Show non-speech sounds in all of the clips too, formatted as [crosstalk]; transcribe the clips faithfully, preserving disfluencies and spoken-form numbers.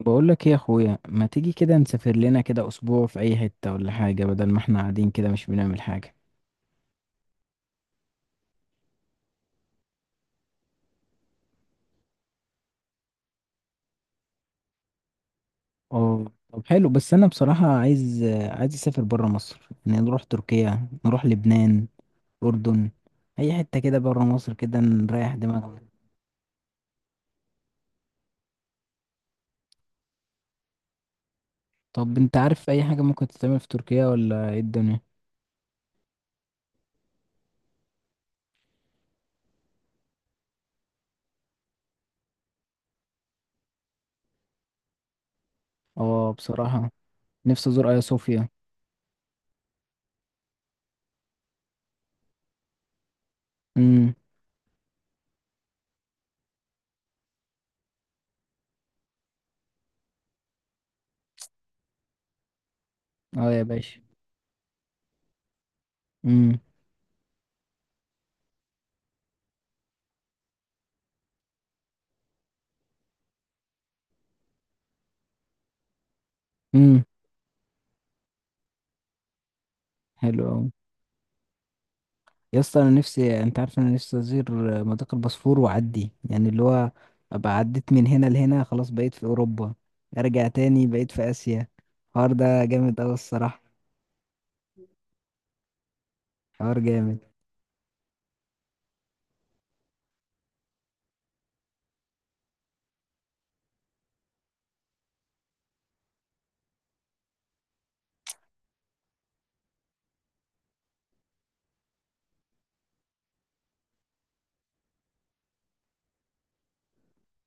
بقول لك ايه يا اخويا؟ ما تيجي كده نسافر لنا كده اسبوع في اي حتة ولا حاجة، بدل ما احنا قاعدين كده مش بنعمل حاجة. اه، طب حلو، بس انا بصراحة عايز، عايز اسافر برا مصر، يعني نروح تركيا، نروح لبنان، اردن، اي حتة كده برا مصر كده نريح دماغنا. طب انت عارف اي حاجة ممكن تتعمل في تركيا ولا ايه الدنيا؟ اه بصراحة نفسي ازور ايا صوفيا. امم اه يا باشا. امم امم حلو أوي. يا اسطى انا نفسي، انت عارف انا نفسي ازور مضيق البوسفور واعدي، يعني اللي هو ابقى عديت من هنا لهنا، خلاص بقيت في اوروبا، ارجع تاني بقيت في اسيا. الحوار ده جامد اوي الصراحه. حوار جامد.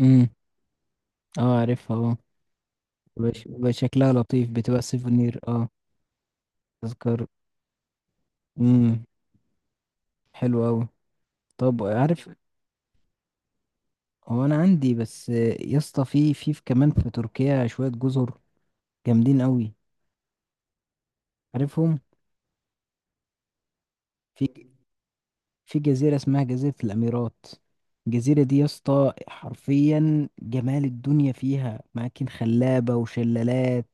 امم اه عارفها اه. بيبقى ش- بيبقى شكلها لطيف، بتبقى سيفونير اه. تذكار. امم حلو اوي. طب عارف، هو انا عندي بس يا اسطى في في في كمان في تركيا شويه جزر جامدين اوي، عارفهم؟ في في جزيرة اسمها جزيرة الأميرات. الجزيرة دي يا اسطى حرفيا جمال الدنيا، فيها أماكن خلابة وشلالات،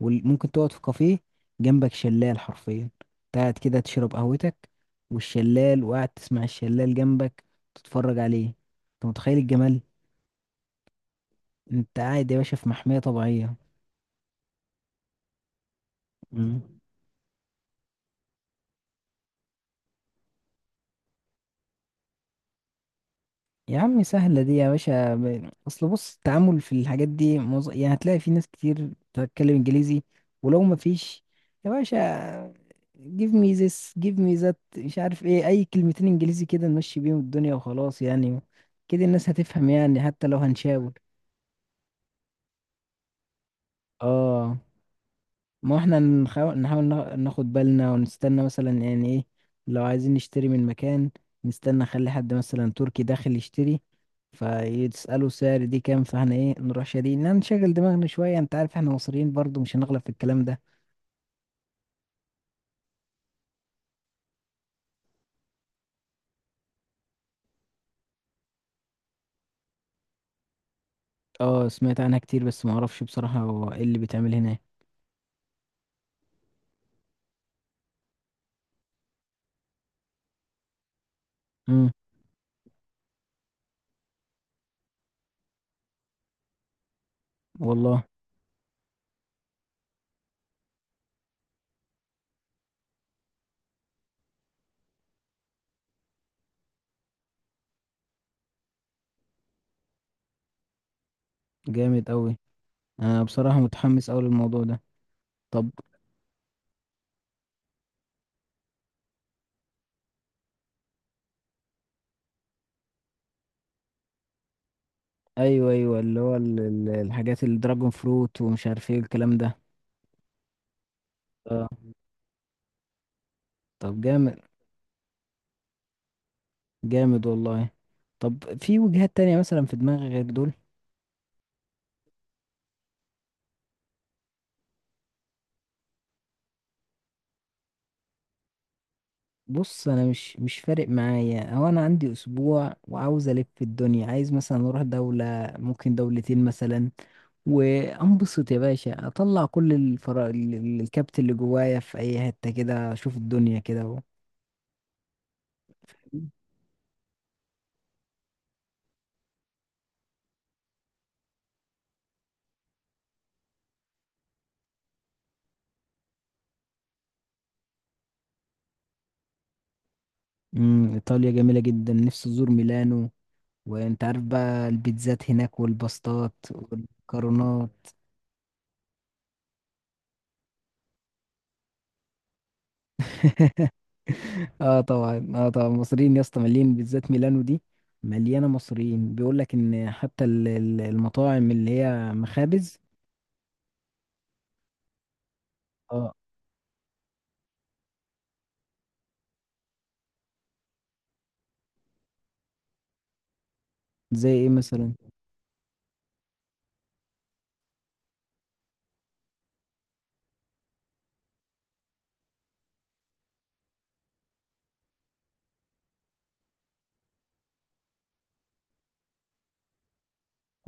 وممكن تقعد في كافيه جنبك شلال، حرفيا قاعد كده تشرب قهوتك والشلال، وقاعد تسمع الشلال جنبك، تتفرج عليه، انت متخيل الجمال؟ انت قاعد يا باشا في محمية طبيعية. مم. يا عم سهلة دي يا باشا، ب- أصل بص التعامل في الحاجات دي موز... يعني هتلاقي في ناس كتير بتتكلم إنجليزي، ولو ما فيش، يا باشا give me this give me that، مش عارف إيه، أي كلمتين إنجليزي كده نمشي بيهم الدنيا وخلاص يعني. كده الناس هتفهم، يعني حتى لو هنشاور. آه، ما هو احنا نحاول، نحاول نا- ناخد بالنا ونستنى مثلا، يعني ايه، لو عايزين نشتري من مكان، نستنى خلي حد مثلا تركي داخل يشتري فيسأله سعر دي كام، فاحنا ايه نروح شاريين؟ لا، نشغل دماغنا شوية، انت عارف احنا مصريين برضو مش هنغلب في الكلام ده. اه سمعت عنها كتير، بس ما اعرفش بصراحة هو ايه اللي بيتعمل هناك. امم والله جامد قوي. انا بصراحة متحمس قوي للموضوع ده. طب، ايوه ايوه، اللي هو ال- ال- الحاجات الدراجون فروت ومش عارف ايه الكلام ده. اه طب جامد. جامد والله. طب في وجهات تانية مثلا في دماغي غير دول؟ بص، انا مش مش فارق معايا، هو انا عندي اسبوع وعاوز الف في الدنيا، عايز مثلا اروح دولة، ممكن دولتين مثلا، وانبسط يا باشا، اطلع كل الفرا... ال- ال- الكبت اللي جوايا في اي حتة كده، اشوف الدنيا كده و... امم ايطاليا جميلة جدا، نفسي ازور ميلانو. وانت عارف بقى البيتزات هناك والباستات والمكرونات. [laughs] اه طبعا اه طبعا، مصريين يا اسطى مليين، بالذات ميلانو دي مليانه مصريين، بيقول لك ان حتى ال- ال- المطاعم اللي هي مخابز. اه. زي ايه مثلا؟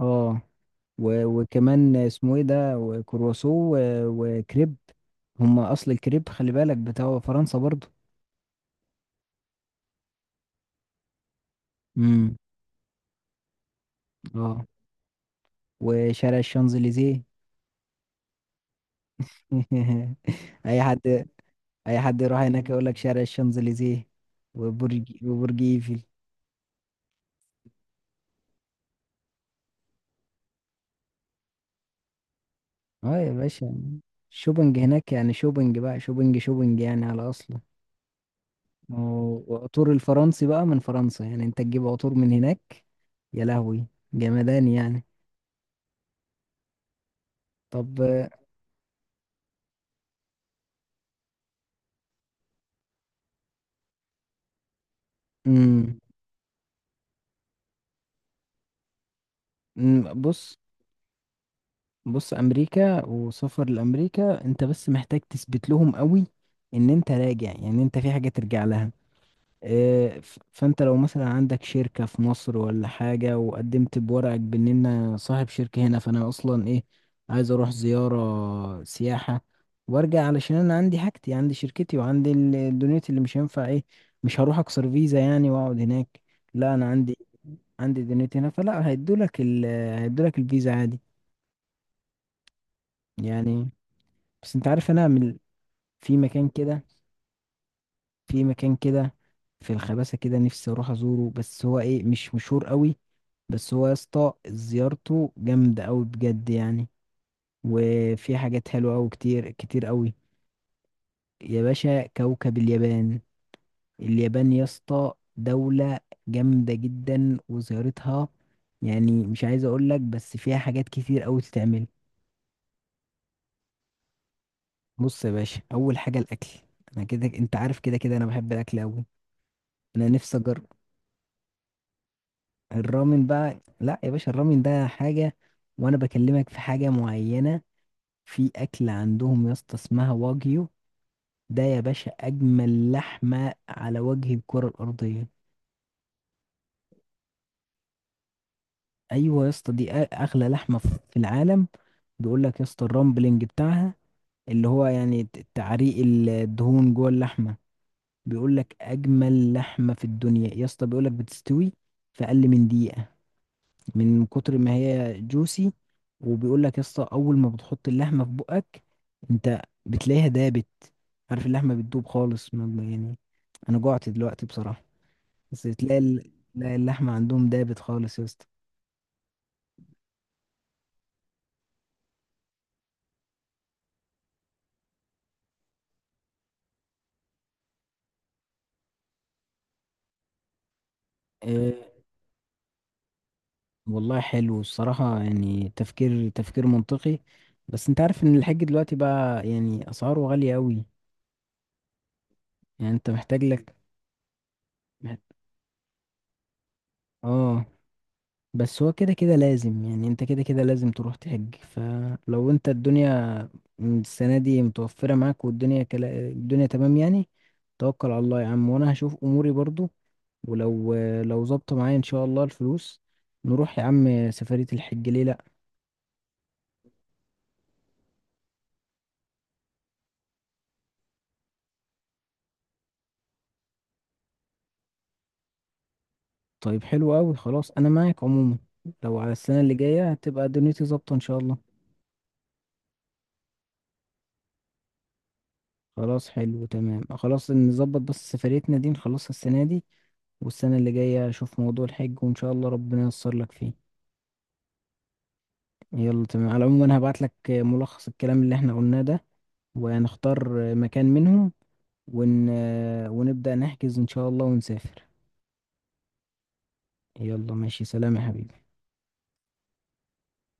اه، و- وكمان اسمه ايه ده، وكرواسو، و- وكريب. هم اصل الكريب خلي بالك بتاع فرنسا برضو. امم اه. وشارع الشانزليزيه. [laughs] اي حد، اي حد يروح هناك يقول لك شارع الشانزليزيه. وبرج وبرج ايفل. اه يا باشا. شوبنج هناك يعني، شوبنج بقى، شوبنج شوبنج يعني على اصله. ما هو وعطور الفرنسي بقى من فرنسا يعني، انت تجيب عطور من هناك. يا لهوي، جمدان يعني. طب، امم أمم، بص. بص امريكا، وسفر لامريكا انت بس محتاج تثبت لهم قوي ان انت راجع، يعني انت في حاجة ترجع لها. آه، ف- فانت لو مثلا عندك شركة في مصر ولا حاجة وقدمت بورقك بان انا صاحب شركة هنا، فانا اصلا ايه، عايز اروح زيارة سياحة وارجع، علشان انا عندي حاجتي، عندي شركتي، وعندي ال- الدنيا اللي مش هينفع ايه، مش هروح اكسر فيزا يعني واقعد هناك، لا انا عندي، عندي دنيتي هنا، فلا هيدولك ال هيدولك الفيزا عادي يعني. بس انت عارف انا من، في مكان كده في مكان كده في الخباسة كده نفسي اروح ازوره، بس هو ايه مش مشهور قوي، بس هو يا اسطى زيارته جامدة قوي بجد يعني، وفي حاجات حلوة قوي، كتير كتير قوي. يا باشا، كوكب اليابان. اليابان يا اسطى دولة جامدة جدا، وزيارتها يعني مش عايز اقول لك، بس فيها حاجات كتير قوي تتعمل. بص يا باشا، اول حاجة الاكل. انا كده انت عارف، كده كده انا بحب الاكل قوي، انا نفسي اجرب. الرامن بقى، لا يا باشا الرامن ده حاجة، وانا بكلمك في حاجة معينة. في اكل عندهم يا اسطى اسمها واجيو، ده يا باشا اجمل لحمة على وجه الكرة الارضية. ايوه يا اسطى، دي أ- اغلى لحمة في في العالم. بيقول لك يا اسطى الرامبلنج بتاعها، اللي هو يعني ت- تعريق الدهون جوه اللحمة، بيقول لك اجمل لحمة في الدنيا يا اسطى، بيقول لك بتستوي في اقل من دقيقة من كتر ما هي جوسي. وبيقول لك يا اسطى اول ما بتحط اللحمه في بقك انت بتلاقيها دابت، عارف اللحمه بتدوب خالص، ما- ما- يعني انا جوعت دلوقتي بصراحه. بس تلاقي ال- تلاقي اللحمه عندهم دابت خالص يا اسطى. إيه، والله حلو الصراحه، يعني تفكير، تفكير منطقي. بس انت عارف ان الحاج دلوقتي بقى يعني اسعاره غاليه قوي، يعني انت محتاج لك، مح- اه. بس هو كده كده لازم، يعني انت كده كده لازم تروح تحج، فلو انت الدنيا، السنة دي متوفرة معاك والدنيا كلا الدنيا تمام يعني، توكل على الله يا عم وانا هشوف اموري برضو. ولو، لو ظبط معايا ان شاء الله الفلوس، نروح يا عم سفرية الحج، ليه لا. طيب حلو قوي، خلاص انا معاك عموما، لو على السنة اللي جاية هتبقى دنيتي ظابطة ان شاء الله. خلاص حلو تمام، خلاص نظبط بس سفريتنا دي نخلصها السنة دي، والسنة اللي جاية أشوف موضوع الحج، وإن شاء الله ربنا ييسر لك فيه. يلا تمام، على العموم انا هبعت لك ملخص الكلام اللي احنا قلناه ده، ونختار مكان منهم، ون... ونبدأ نحجز ان شاء الله ونسافر. يلا ماشي، سلام يا حبيبي.